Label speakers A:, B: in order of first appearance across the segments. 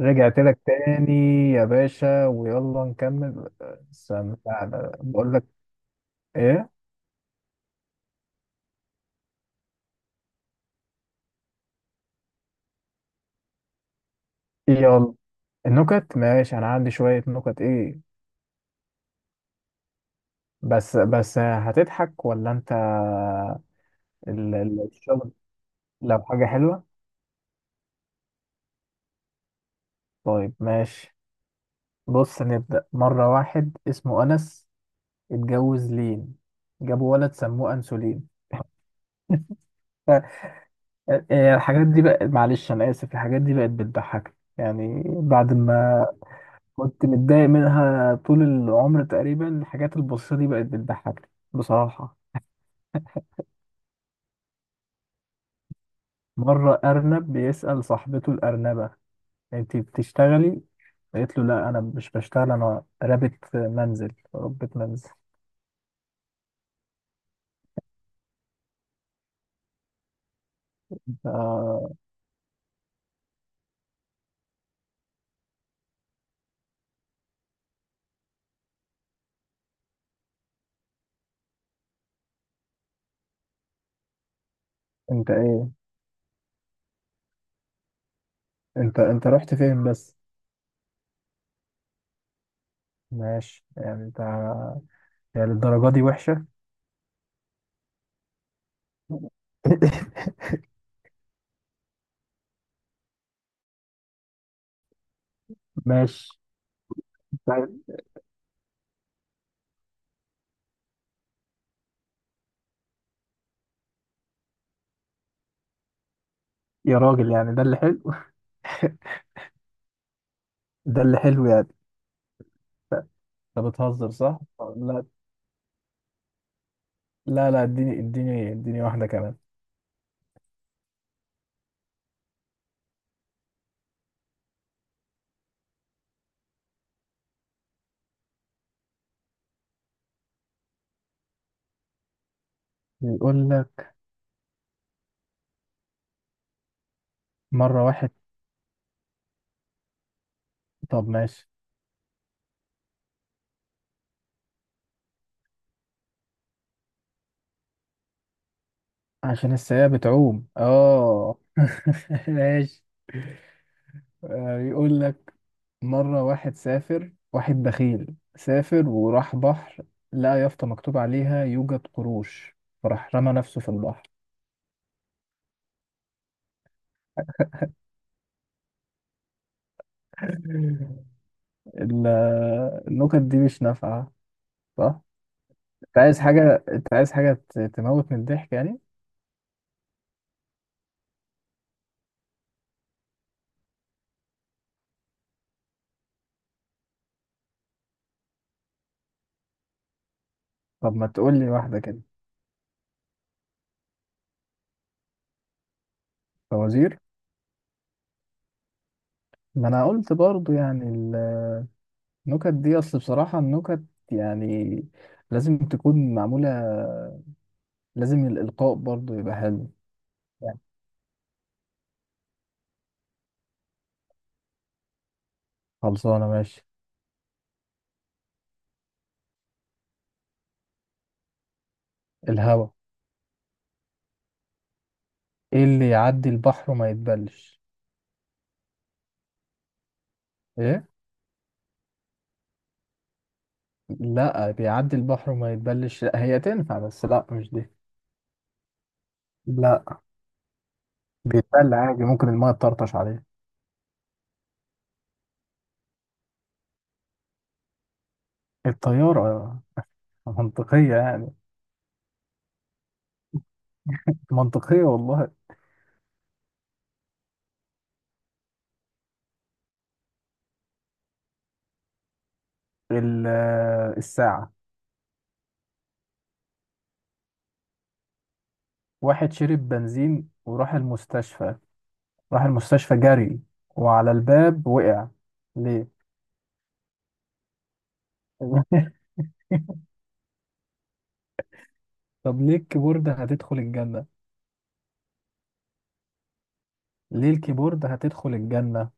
A: رجعت لك تاني يا باشا ويلا نكمل. استنى تعالى بقول لك ايه. يلا النكت ماشي، انا عندي شوية نكت ايه. بس هتضحك ولا انت الشغل لو حاجة حلوة؟ طيب ماشي. بص نبدأ، مرة واحد اسمه أنس اتجوز لين، جابوا ولد سموه أنسولين. ف- الحاجات دي بقى معلش أنا آسف، الحاجات دي بقت بتضحك يعني بعد ما كنت متضايق منها طول العمر تقريبا، الحاجات البسيطة دي بقت بتضحكني بصراحة. مرة أرنب بيسأل صاحبته الأرنبة: أنتي بتشتغلي؟ قالت له لا أنا مش بشتغل، أنا رابط منزل ربة منزل. آه، أنت إيه؟ أنت أنت رحت فين بس؟ ماشي يعني أنت، يعني الدرجة دي وحشة؟ ماشي. يا راجل يعني ده اللي حلو؟ ده اللي حلو يعني؟ أنت بتهزر صح؟ لا. لا، لا، اديني اديني اديني واحدة كمان. يقول لك مرة واحد، طب ماشي. عشان السيئة بتعوم، اه. ماشي. آه، يقول لك مرة واحد سافر، واحد بخيل سافر وراح بحر، لقى يافطة مكتوب عليها يوجد قروش، فراح رمى نفسه في البحر. ال- النكت دي مش نافعة صح؟ انت عايز حاجة، انت عايز حاجة تموت من الضحك يعني؟ طب ما تقول لي واحدة كده. فوازير؟ ما انا قلت برضو يعني، النكت دي اصل بصراحة النكت يعني لازم تكون معمولة، لازم الإلقاء برضو يبقى حلو يعني. خلصانة ماشي. الهوا. ايه اللي يعدي البحر وما يتبلش؟ ايه؟ لا بيعدي البحر وما يتبلش، لا هي تنفع بس لا مش دي. لا بيتبل عادي، ممكن الماء تطرطش عليه. الطيارة. منطقية يعني، منطقية والله. ال- الساعة. واحد شرب بنزين وراح المستشفى، راح المستشفى جري، وعلى الباب وقع. ليه؟ طب ليه الكيبورد هتدخل الجنة؟ ليه الكيبورد هتدخل الجنة؟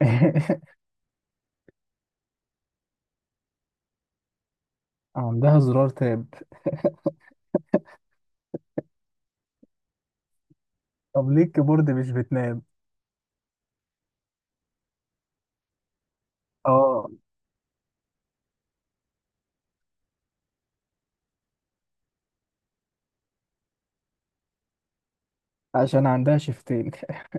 A: عندها زرار تاب. طب ليه الكيبورد مش بتنام؟ اه، عشان عندها شفتين.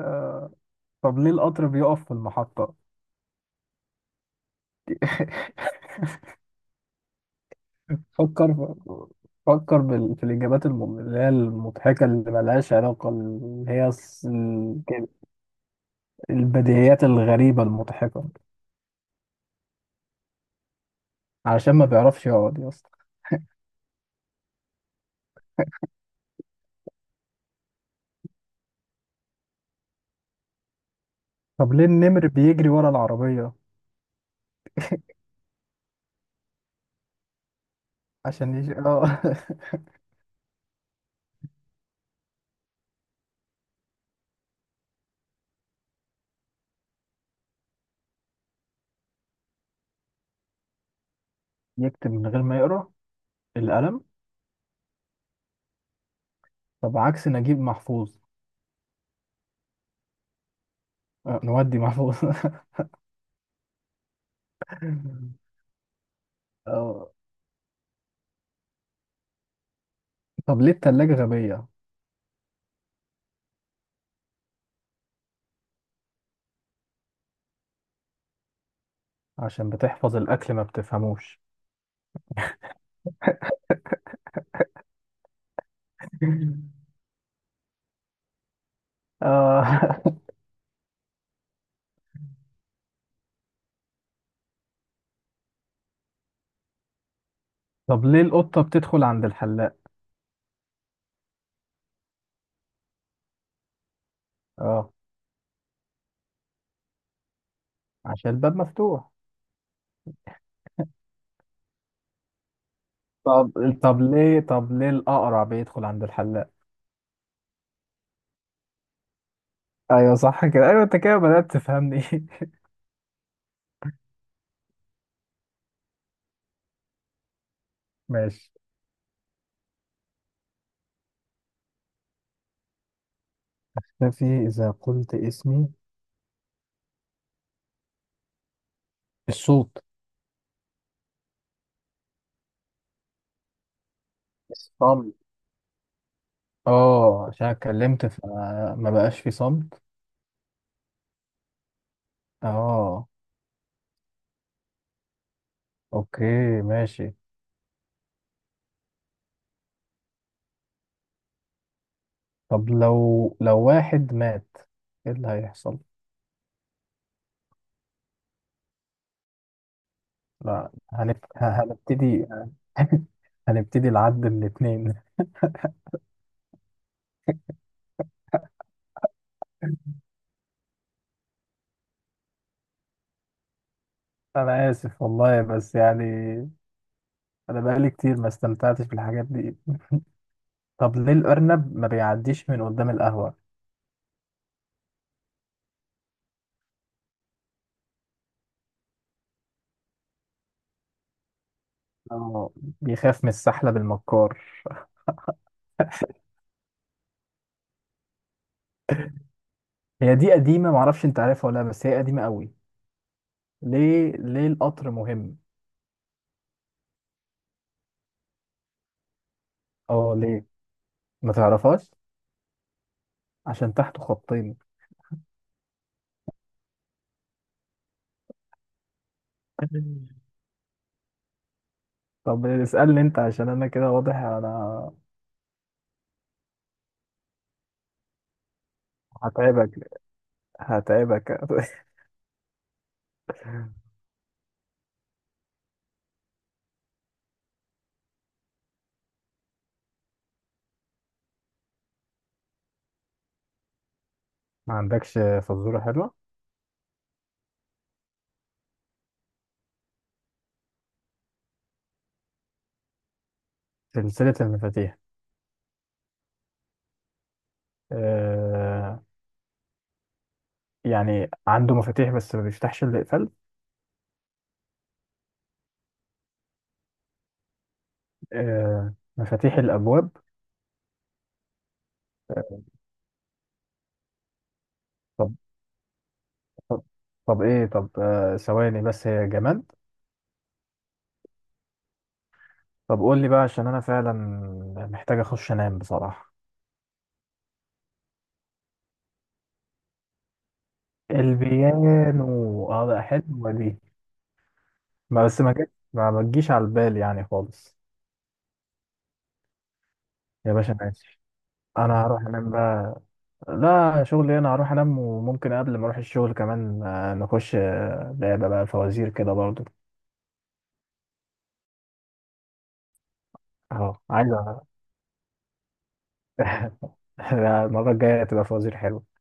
A: آه، طب ليه القطر بيقف في المحطة؟ فكر في- فكر في الإجابات اللي هي المضحكة، اللي ملهاش علاقة، اللي هي كده، البديهيات الغريبة المضحكة. علشان ما بيعرفش يقعد يا اسطى. طب ليه النمر بيجري ورا العربية؟ اه. يكتب من غير ما يقرأ؟ القلم. طب عكس نجيب محفوظ؟ آه، نودي محفوظ. آه، طب ليه التلاجة غبية؟ عشان بتحفظ الأكل ما بتفهموش. آه. طب ليه القطة بتدخل عند الحلاق؟ اه، عشان الباب مفتوح. طب طب ليه الأقرع بيدخل عند الحلاق؟ ايوه صح كده، ايوه انت كده بدأت تفهمني. ماشي. اختفي إذا قلت اسمي؟ الصوت. الصمت. اه، عشان اتكلمت فما بقاش في صمت. اه، اوكي ماشي. طب لو واحد مات، ايه اللي هيحصل؟ لا هنبتدي. هنبتدي العد من اتنين. انا اسف والله، بس يعني انا بقالي كتير ما استمتعتش بالحاجات دي. طب ليه الارنب ما بيعديش من قدام القهوة؟ اه، بيخاف من السحلب بالمكار. هي دي قديمة، معرفش انت عارفها ولا لا، بس هي قديمة قوي. ليه ليه القطر مهم؟ اه، ليه؟ ما تعرفهاش. عشان تحته خطين. طب اسألني انت، عشان انا كده واضح انا هتعبك، هتعبك. ما عندكش فزورة حلوة؟ سلسلة المفاتيح. آه، يعني عنده مفاتيح بس ما بيفتحش الا اقفال. آه مفاتيح الابواب. طب طب, طب ثواني، بس هي جماد. طب قول لي بقى، عشان انا فعلا محتاج اخش انام بصراحة. البيانو، اه ده حلوة دي. ما بس ما جت، ما تجيش على البال يعني خالص. يا باشا انا اسف، انا هروح انام بقى. لا شغلي، انا هروح انام وممكن قبل ما اروح الشغل كمان نخش لعبة بقى فوازير كده برضو. اهو عايز أ- المرة الجاية تبقى فوازير حلوة.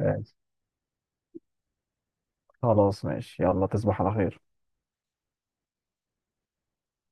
A: آه، خلاص ماشي، يلا تصبح على خير.